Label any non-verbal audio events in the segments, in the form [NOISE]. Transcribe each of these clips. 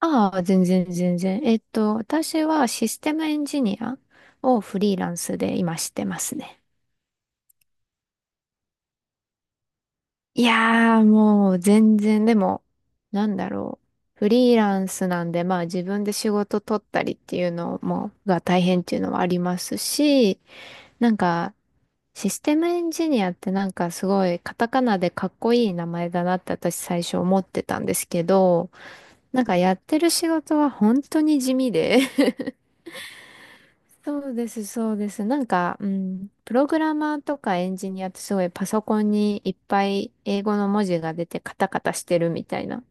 ああ、全然全然。私はシステムエンジニアをフリーランスで今してますね。いやー、もう全然、でも、なんだろう。フリーランスなんで、まあ自分で仕事取ったりっていうのも、が大変っていうのはありますし、なんか、システムエンジニアってなんかすごいカタカナでかっこいい名前だなって私最初思ってたんですけど、なんかやってる仕事は本当に地味で [LAUGHS] そうです、そうです。なんか、うん、プログラマーとかエンジニアってすごいパソコンにいっぱい英語の文字が出てカタカタしてるみたいな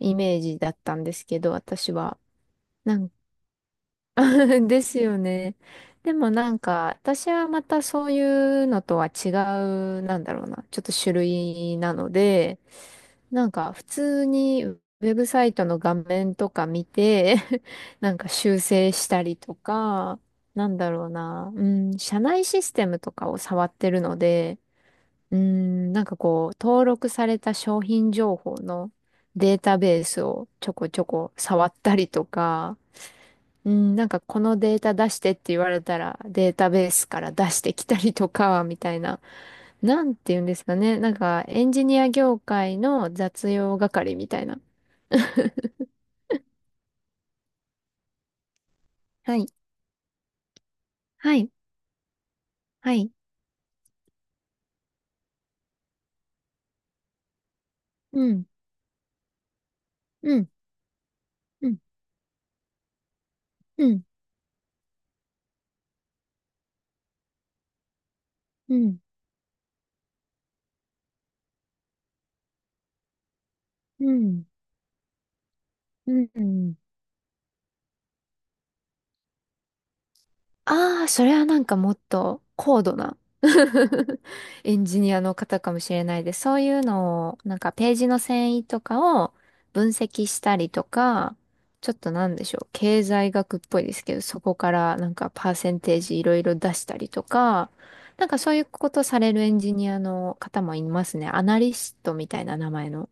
イメージだったんですけど、私は。なん [LAUGHS] ですよね。でもなんか、私はまたそういうのとは違う、なんだろうな、ちょっと種類なので、なんか普通にウェブサイトの画面とか見て [LAUGHS] なんか修正したりとか、なんだろうな、うん、社内システムとかを触ってるので、うん、なんかこう、登録された商品情報のデータベースをちょこちょこ触ったりとか、うん、なんかこのデータ出してって言われたらデータベースから出してきたりとか、みたいな。なんて言うんですかね。なんかエンジニア業界の雑用係みたいな。はい。はい、はい、うん、うん、うん、うん、うん、うん、うん。ああ、それはなんかもっと高度な [LAUGHS] エンジニアの方かもしれないです。そういうのを、なんかページの遷移とかを分析したりとか、ちょっとなんでしょう、経済学っぽいですけど、そこからなんかパーセンテージいろいろ出したりとか、なんかそういうことされるエンジニアの方もいますね。アナリストみたいな名前の。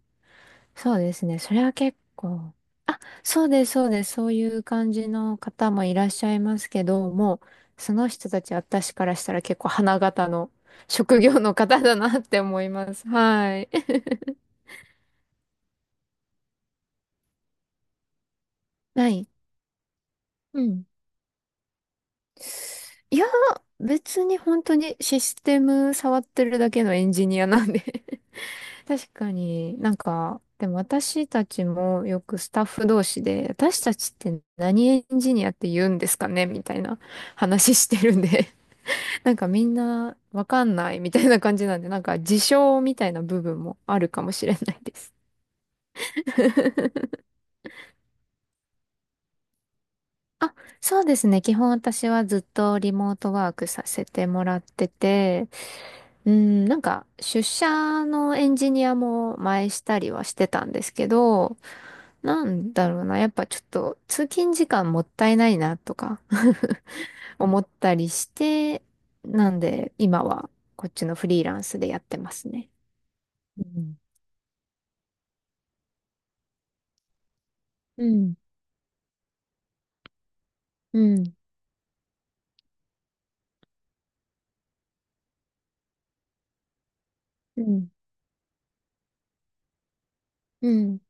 そうですね。それは結構。あ、そうです、そうです。そういう感じの方もいらっしゃいますけど、もう、その人たち私からしたら結構花形の職業の方だなって思います。はい。[LAUGHS] はい。うん。いや、別に本当にシステム触ってるだけのエンジニアなんで [LAUGHS] 確かになんか、でも私たちもよくスタッフ同士で、私たちって何エンジニアって言うんですかねみたいな話してるんでなんかみんなわかんないみたいな感じなんで、なんか自称みたいな部分もあるかもしれないです。[LAUGHS] あ、そうですね。基本私はずっとリモートワークさせてもらってて、うん、なんか出社のエンジニアも前したりはしてたんですけど、なんだろうな、やっぱちょっと通勤時間もったいないなとか [LAUGHS] 思ったりして、なんで今はこっちのフリーランスでやってますね。うんうん、うん、うん、うん、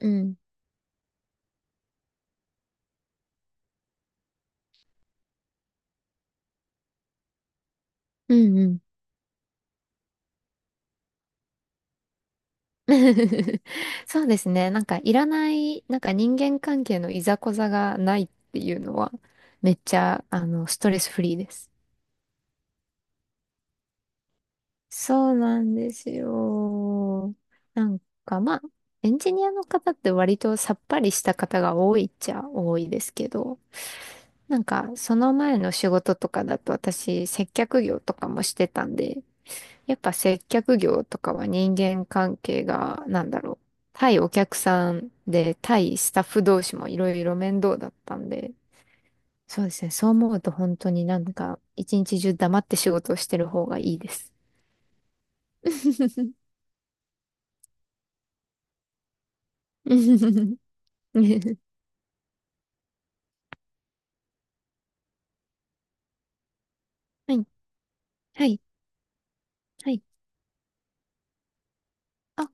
うん、うん、うん。[LAUGHS] そうですね。なんかいらない、なんか人間関係のいざこざがないっていうのは、めっちゃ、ストレスフリーです。そうなんですよ。なんかまあ、エンジニアの方って割とさっぱりした方が多いっちゃ多いですけど、なんかその前の仕事とかだと私接客業とかもしてたんで、やっぱ接客業とかは人間関係が、なんだろう。対お客さんで、対スタッフ同士もいろいろ面倒だったんで、そうですね。そう思うと本当になんか、一日中黙って仕事をしてる方がいいです。[LAUGHS] はい、はい、はい。あ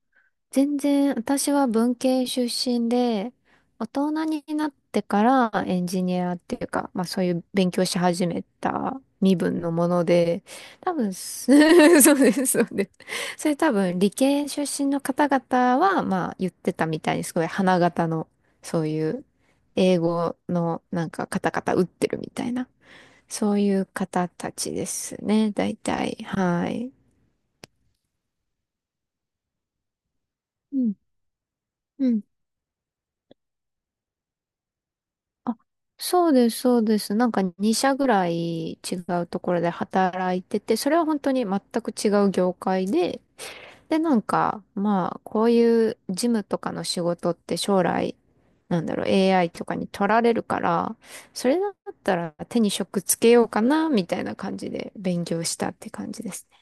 全然、私は文系出身で、大人になってからエンジニアっていうか、まあそういう勉強し始めた身分のもので、多分す、[LAUGHS] そうです、そうです。それ多分理系出身の方々は、まあ言ってたみたいに、すごい花形の、そういう英語のなんかカタカタ打ってるみたいな、そういう方たちですね、大体。はい。うん。あそうです、そうです。なんか2社ぐらい違うところで働いてて、それは本当に全く違う業界で、で、なんか、まあ、こういう事務とかの仕事って将来、なんだろう、AI とかに取られるから、それだったら手に職つけようかな、みたいな感じで勉強したって感じですね。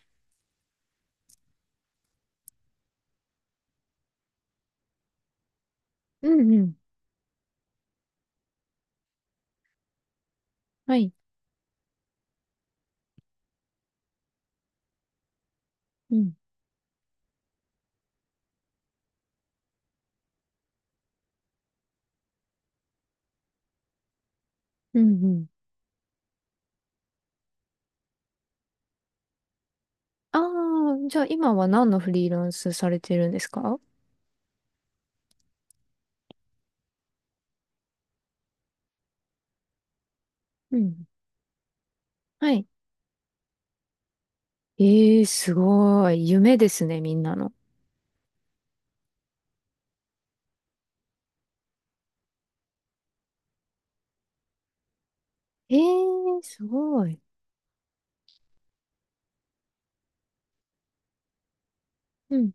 うんうん。はい。うん。うんうん。ああ、じゃあ今は何のフリーランスされてるんですか？うん。はい。ええすごい。夢ですね、みんなの。ええすごい。うん。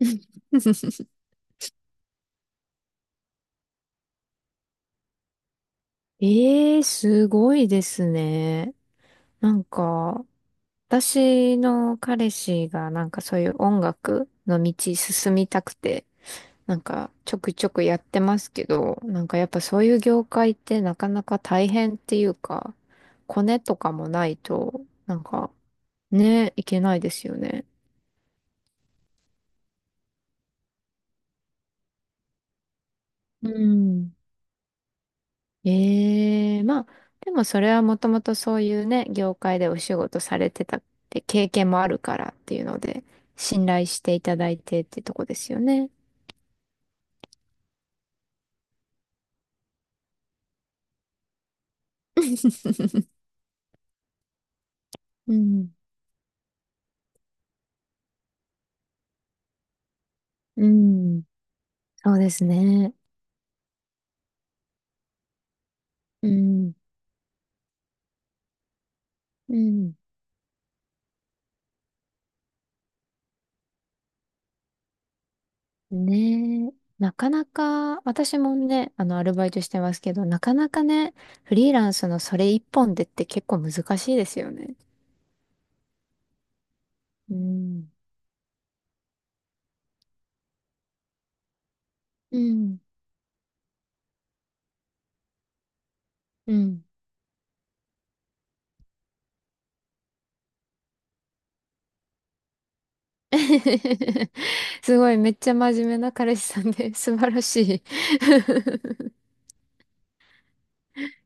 [LAUGHS] ええすごいですね。なんか、私の彼氏がなんかそういう音楽の道進みたくて、なんかちょくちょくやってますけど、なんかやっぱそういう業界ってなかなか大変っていうか、コネとかもないと、なんかね、いけないですよね。うんええまあ、でもそれはもともとそういうね、業界でお仕事されてたって経験もあるからっていうので、信頼していただいてってとこですよね。[LAUGHS] うん。うん。そうですね。うん。うん。ねえ。なかなか、私もね、アルバイトしてますけど、なかなかね、フリーランスのそれ一本でって結構難しいですよね。うん。うん。うん。[LAUGHS] すごい、めっちゃ真面目な彼氏さんで、[LAUGHS] 素晴らしい。[LAUGHS]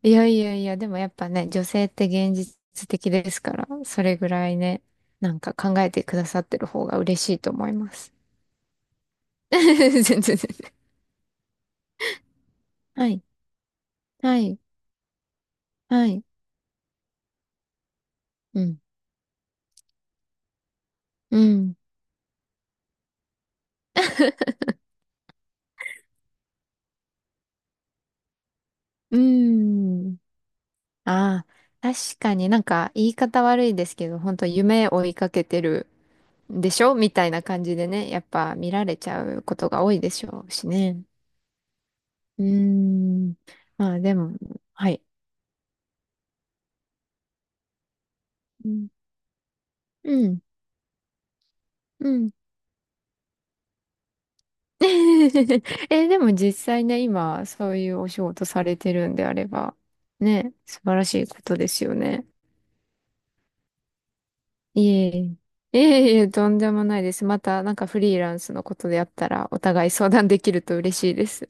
いやいやいや、でもやっぱね、女性って現実的ですから、それぐらいね、なんか考えてくださってる方が嬉しいと思います。[LAUGHS] 全然全然。はい、はい、はい。うん、うん。[LAUGHS] うーん。ああ、確かになんか言い方悪いですけど、本当夢追いかけてるでしょみたいな感じでね、やっぱ見られちゃうことが多いでしょうしね。うーん。まあでも、はい。うん。うん。うん [LAUGHS] え、でも実際ね、今、そういうお仕事されてるんであれば、ね、素晴らしいことですよね。いえいえ。[LAUGHS] いえいえ、とんでもないです。また、なんかフリーランスのことであったら、お互い相談できると嬉しいです。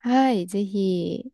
はい、ぜひ。